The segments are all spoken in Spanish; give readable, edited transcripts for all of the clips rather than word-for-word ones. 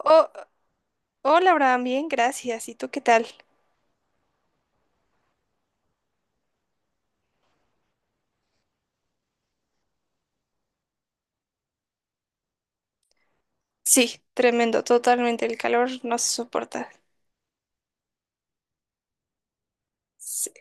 Oh, hola, Abraham, bien, gracias. ¿Y tú qué tal? Sí, tremendo, totalmente. El calor no se soporta. Sí.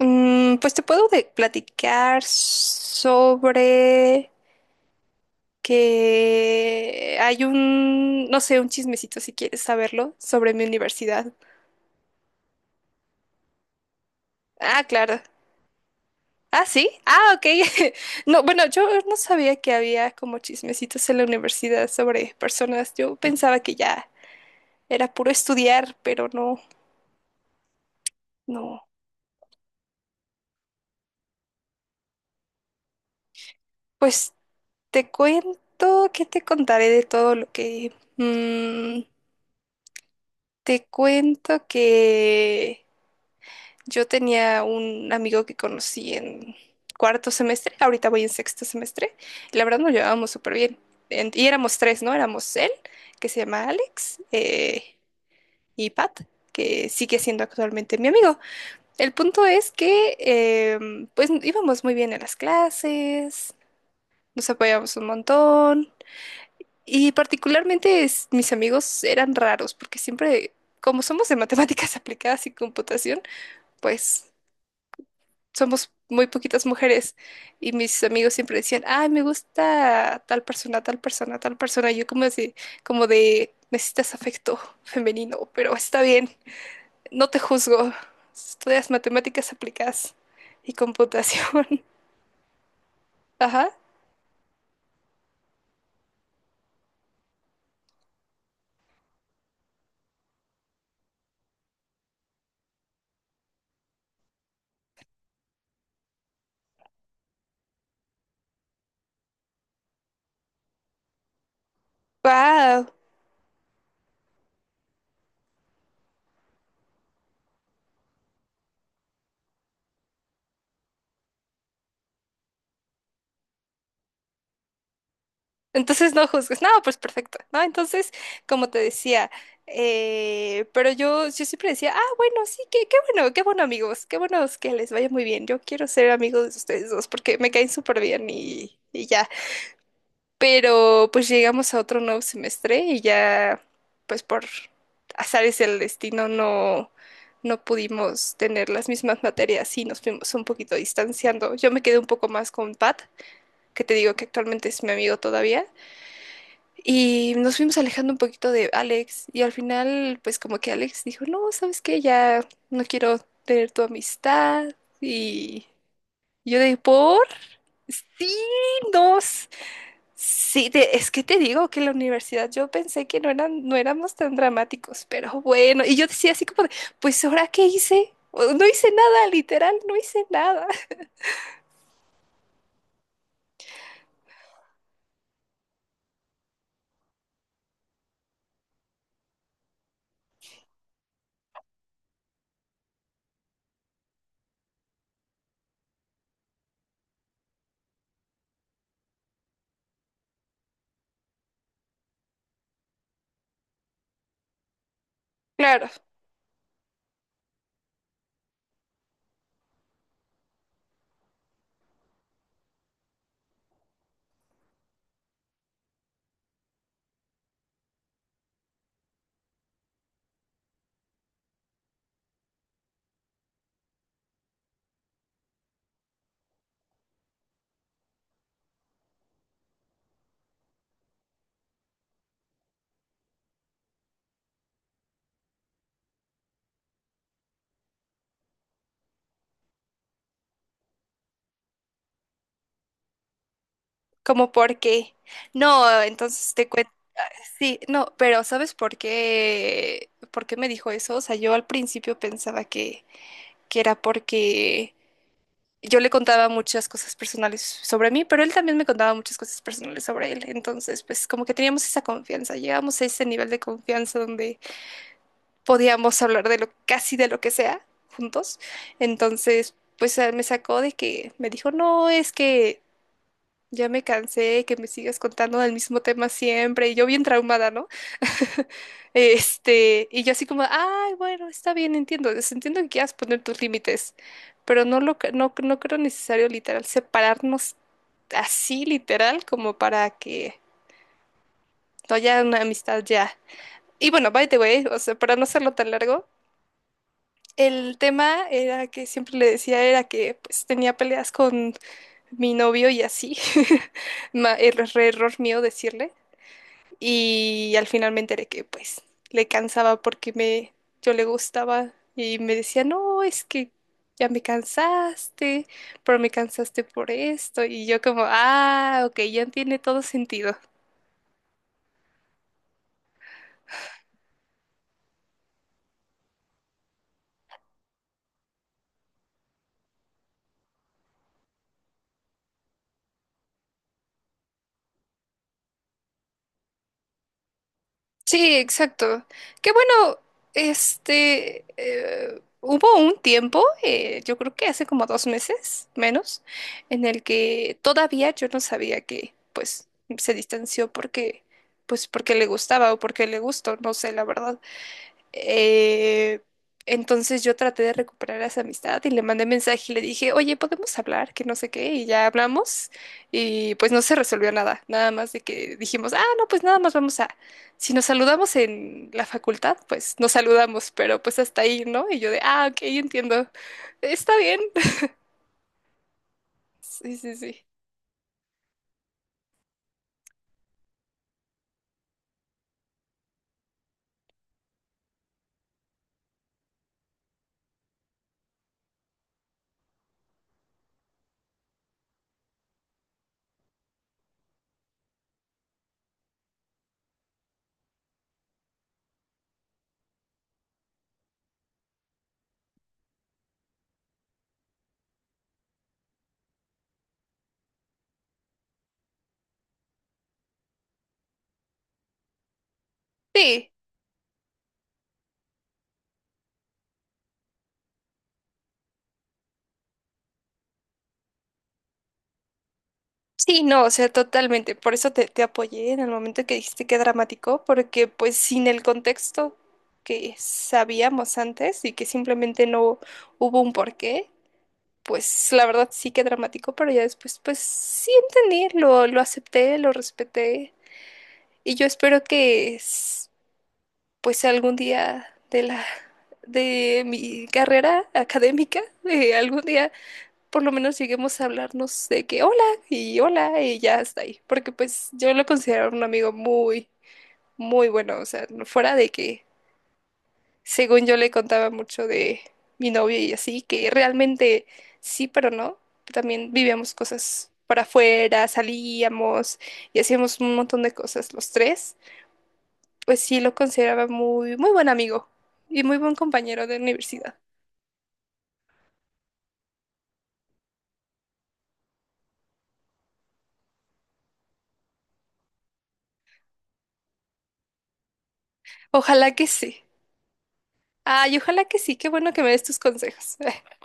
Pues te puedo platicar sobre que hay un, no sé, un chismecito si quieres saberlo, sobre mi universidad. Ah, claro. Ah, sí. Ah, ok. No, bueno, yo no sabía que había como chismecitos en la universidad sobre personas. Yo pensaba que ya era puro estudiar, pero no, no. Pues, te cuento, que te contaré de todo lo que... te cuento que yo tenía un amigo que conocí en cuarto semestre, ahorita voy en sexto semestre, y la verdad nos llevábamos súper bien. Y éramos tres, ¿no? Éramos él, que se llama Alex, y Pat, que sigue siendo actualmente mi amigo. El punto es que, pues, íbamos muy bien en las clases, nos apoyábamos un montón. Y particularmente mis amigos eran raros, porque siempre, como somos de matemáticas aplicadas y computación, pues somos muy poquitas mujeres. Y mis amigos siempre decían, ay, me gusta tal persona, tal persona, tal persona. Y yo como así, como de, necesitas afecto femenino, pero está bien, no te juzgo. Estudias matemáticas aplicadas y computación. Ajá. Wow. Entonces no juzgues. No, pues perfecto, ¿no? Entonces, como te decía, pero yo siempre decía, ah, bueno, sí, qué bueno, qué bueno amigos, qué buenos que les vaya muy bien. Yo quiero ser amigos de ustedes dos porque me caen súper bien y ya. Pero pues llegamos a otro nuevo semestre y ya, pues por azares del destino no, no pudimos tener las mismas materias y nos fuimos un poquito distanciando. Yo me quedé un poco más con Pat, que te digo que actualmente es mi amigo todavía. Y nos fuimos alejando un poquito de Alex y al final pues como que Alex dijo, no, ¿sabes qué? Ya no quiero tener tu amistad. Y yo de por... Sí, nos. Sí, es que te digo que en la universidad yo pensé que no eran, no éramos tan dramáticos, pero bueno, y yo decía así como de, pues ¿ahora qué hice? No hice nada, literal, no hice nada. Claro, como porque. No, entonces te cuento. Sí, no, pero ¿sabes por qué me dijo eso? O sea, yo al principio pensaba que era porque yo le contaba muchas cosas personales sobre mí, pero él también me contaba muchas cosas personales sobre él. Entonces, pues como que teníamos esa confianza, llegamos a ese nivel de confianza donde podíamos hablar de lo, casi de lo que sea juntos. Entonces, pues me sacó de que me dijo, no, es que ya me cansé de que me sigas contando del mismo tema siempre, y yo bien traumada, ¿no? Este, y yo así como, ay, bueno, está bien, entiendo, entiendo que quieras poner tus límites, pero no lo, no, no creo necesario literal separarnos así literal como para que no haya una amistad ya. Y bueno, by the way, o sea, para no hacerlo tan largo, el tema era que siempre le decía era que pues tenía peleas con mi novio y así. Ma- er- Error mío decirle. Y al final me enteré que pues le cansaba porque me, yo le gustaba y me decía, no, es que ya me cansaste, pero me cansaste por esto. Y yo como, ah, ok, ya tiene todo sentido. Sí, exacto. Qué bueno, este, hubo un tiempo, yo creo que hace como 2 meses, menos, en el que todavía yo no sabía que, pues, se distanció porque, pues, porque le gustaba o porque le gustó, no sé, la verdad. Eh, entonces yo traté de recuperar esa amistad y le mandé mensaje y le dije, oye, ¿podemos hablar? Que no sé qué, y ya hablamos y pues no se resolvió nada, nada más de que dijimos, ah, no, pues nada más vamos a, si nos saludamos en la facultad, pues nos saludamos, pero pues hasta ahí, ¿no? Y yo de, ah, ok, entiendo, está bien. Sí, sí, sí. Sí. Sí, no, o sea, totalmente. Por eso te apoyé en el momento que dijiste que dramático, porque pues sin el contexto que sabíamos antes y que simplemente no hubo un porqué, pues la verdad sí que dramático, pero ya después pues sí entendí, lo acepté, lo respeté y yo espero que pues algún día de la de mi carrera académica, algún día por lo menos lleguemos a hablarnos de que hola y hola y ya está ahí. Porque pues yo lo considero un amigo muy, muy bueno. O sea, fuera de que según yo le contaba mucho de mi novio y así, que realmente sí, pero no. También vivíamos cosas para afuera, salíamos y hacíamos un montón de cosas los tres. Pues sí lo consideraba muy, muy buen amigo y muy buen compañero de universidad. Ojalá que sí. Ay, ojalá que sí. Qué bueno que me des tus consejos.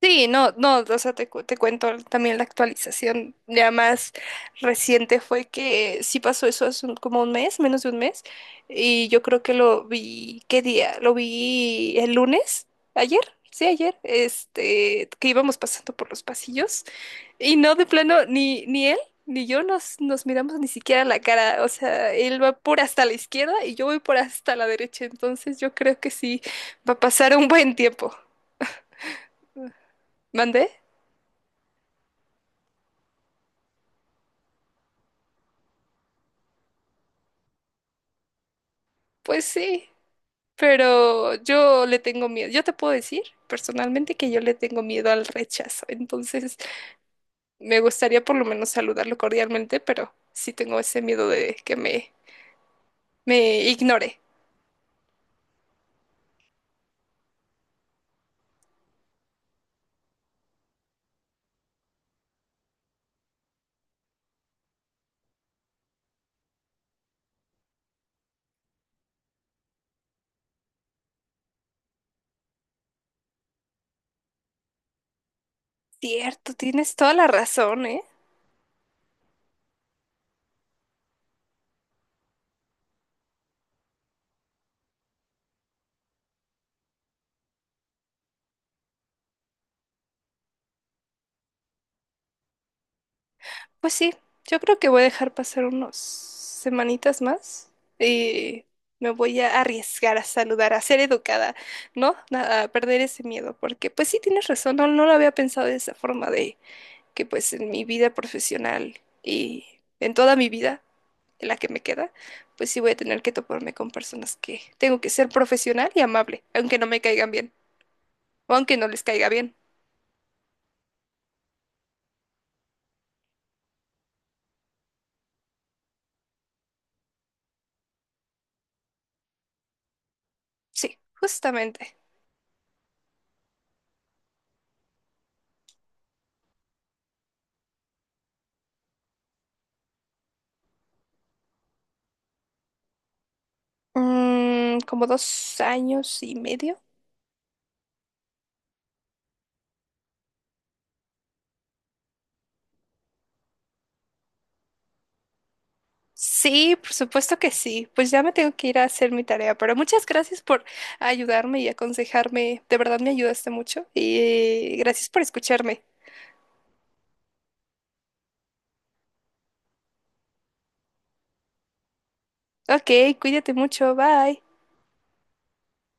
Sí, no, no, o sea, te cuento también la actualización ya más reciente fue que sí pasó eso hace como un mes, menos de un mes, y yo creo que lo vi, ¿qué día? Lo vi el lunes, ayer, sí, ayer, este, que íbamos pasando por los pasillos, y no, de plano, ni, ni él, ni yo nos, nos miramos ni siquiera la cara, o sea, él va por hasta la izquierda y yo voy por hasta la derecha, entonces yo creo que sí, va a pasar un buen tiempo, ¿mandé? Pues sí. Pero yo le tengo miedo. Yo te puedo decir personalmente que yo le tengo miedo al rechazo. Entonces, me gustaría por lo menos saludarlo cordialmente, pero sí tengo ese miedo de que me ignore. Cierto, tienes toda la razón, ¿eh? Pues sí, yo creo que voy a dejar pasar unos semanitas más y me voy a arriesgar a saludar, a ser educada, ¿no? A perder ese miedo, porque pues sí tienes razón, no, no lo había pensado de esa forma que pues en mi vida profesional y en toda mi vida, en la que me queda, pues sí voy a tener que toparme con personas que tengo que ser profesional y amable, aunque no me caigan bien, o aunque no les caiga bien. Sí, justamente. Mm, como 2 años y medio. Sí, por supuesto que sí. Pues ya me tengo que ir a hacer mi tarea, pero muchas gracias por ayudarme y aconsejarme. De verdad me ayudaste mucho y gracias por escucharme. Ok, cuídate mucho. Bye.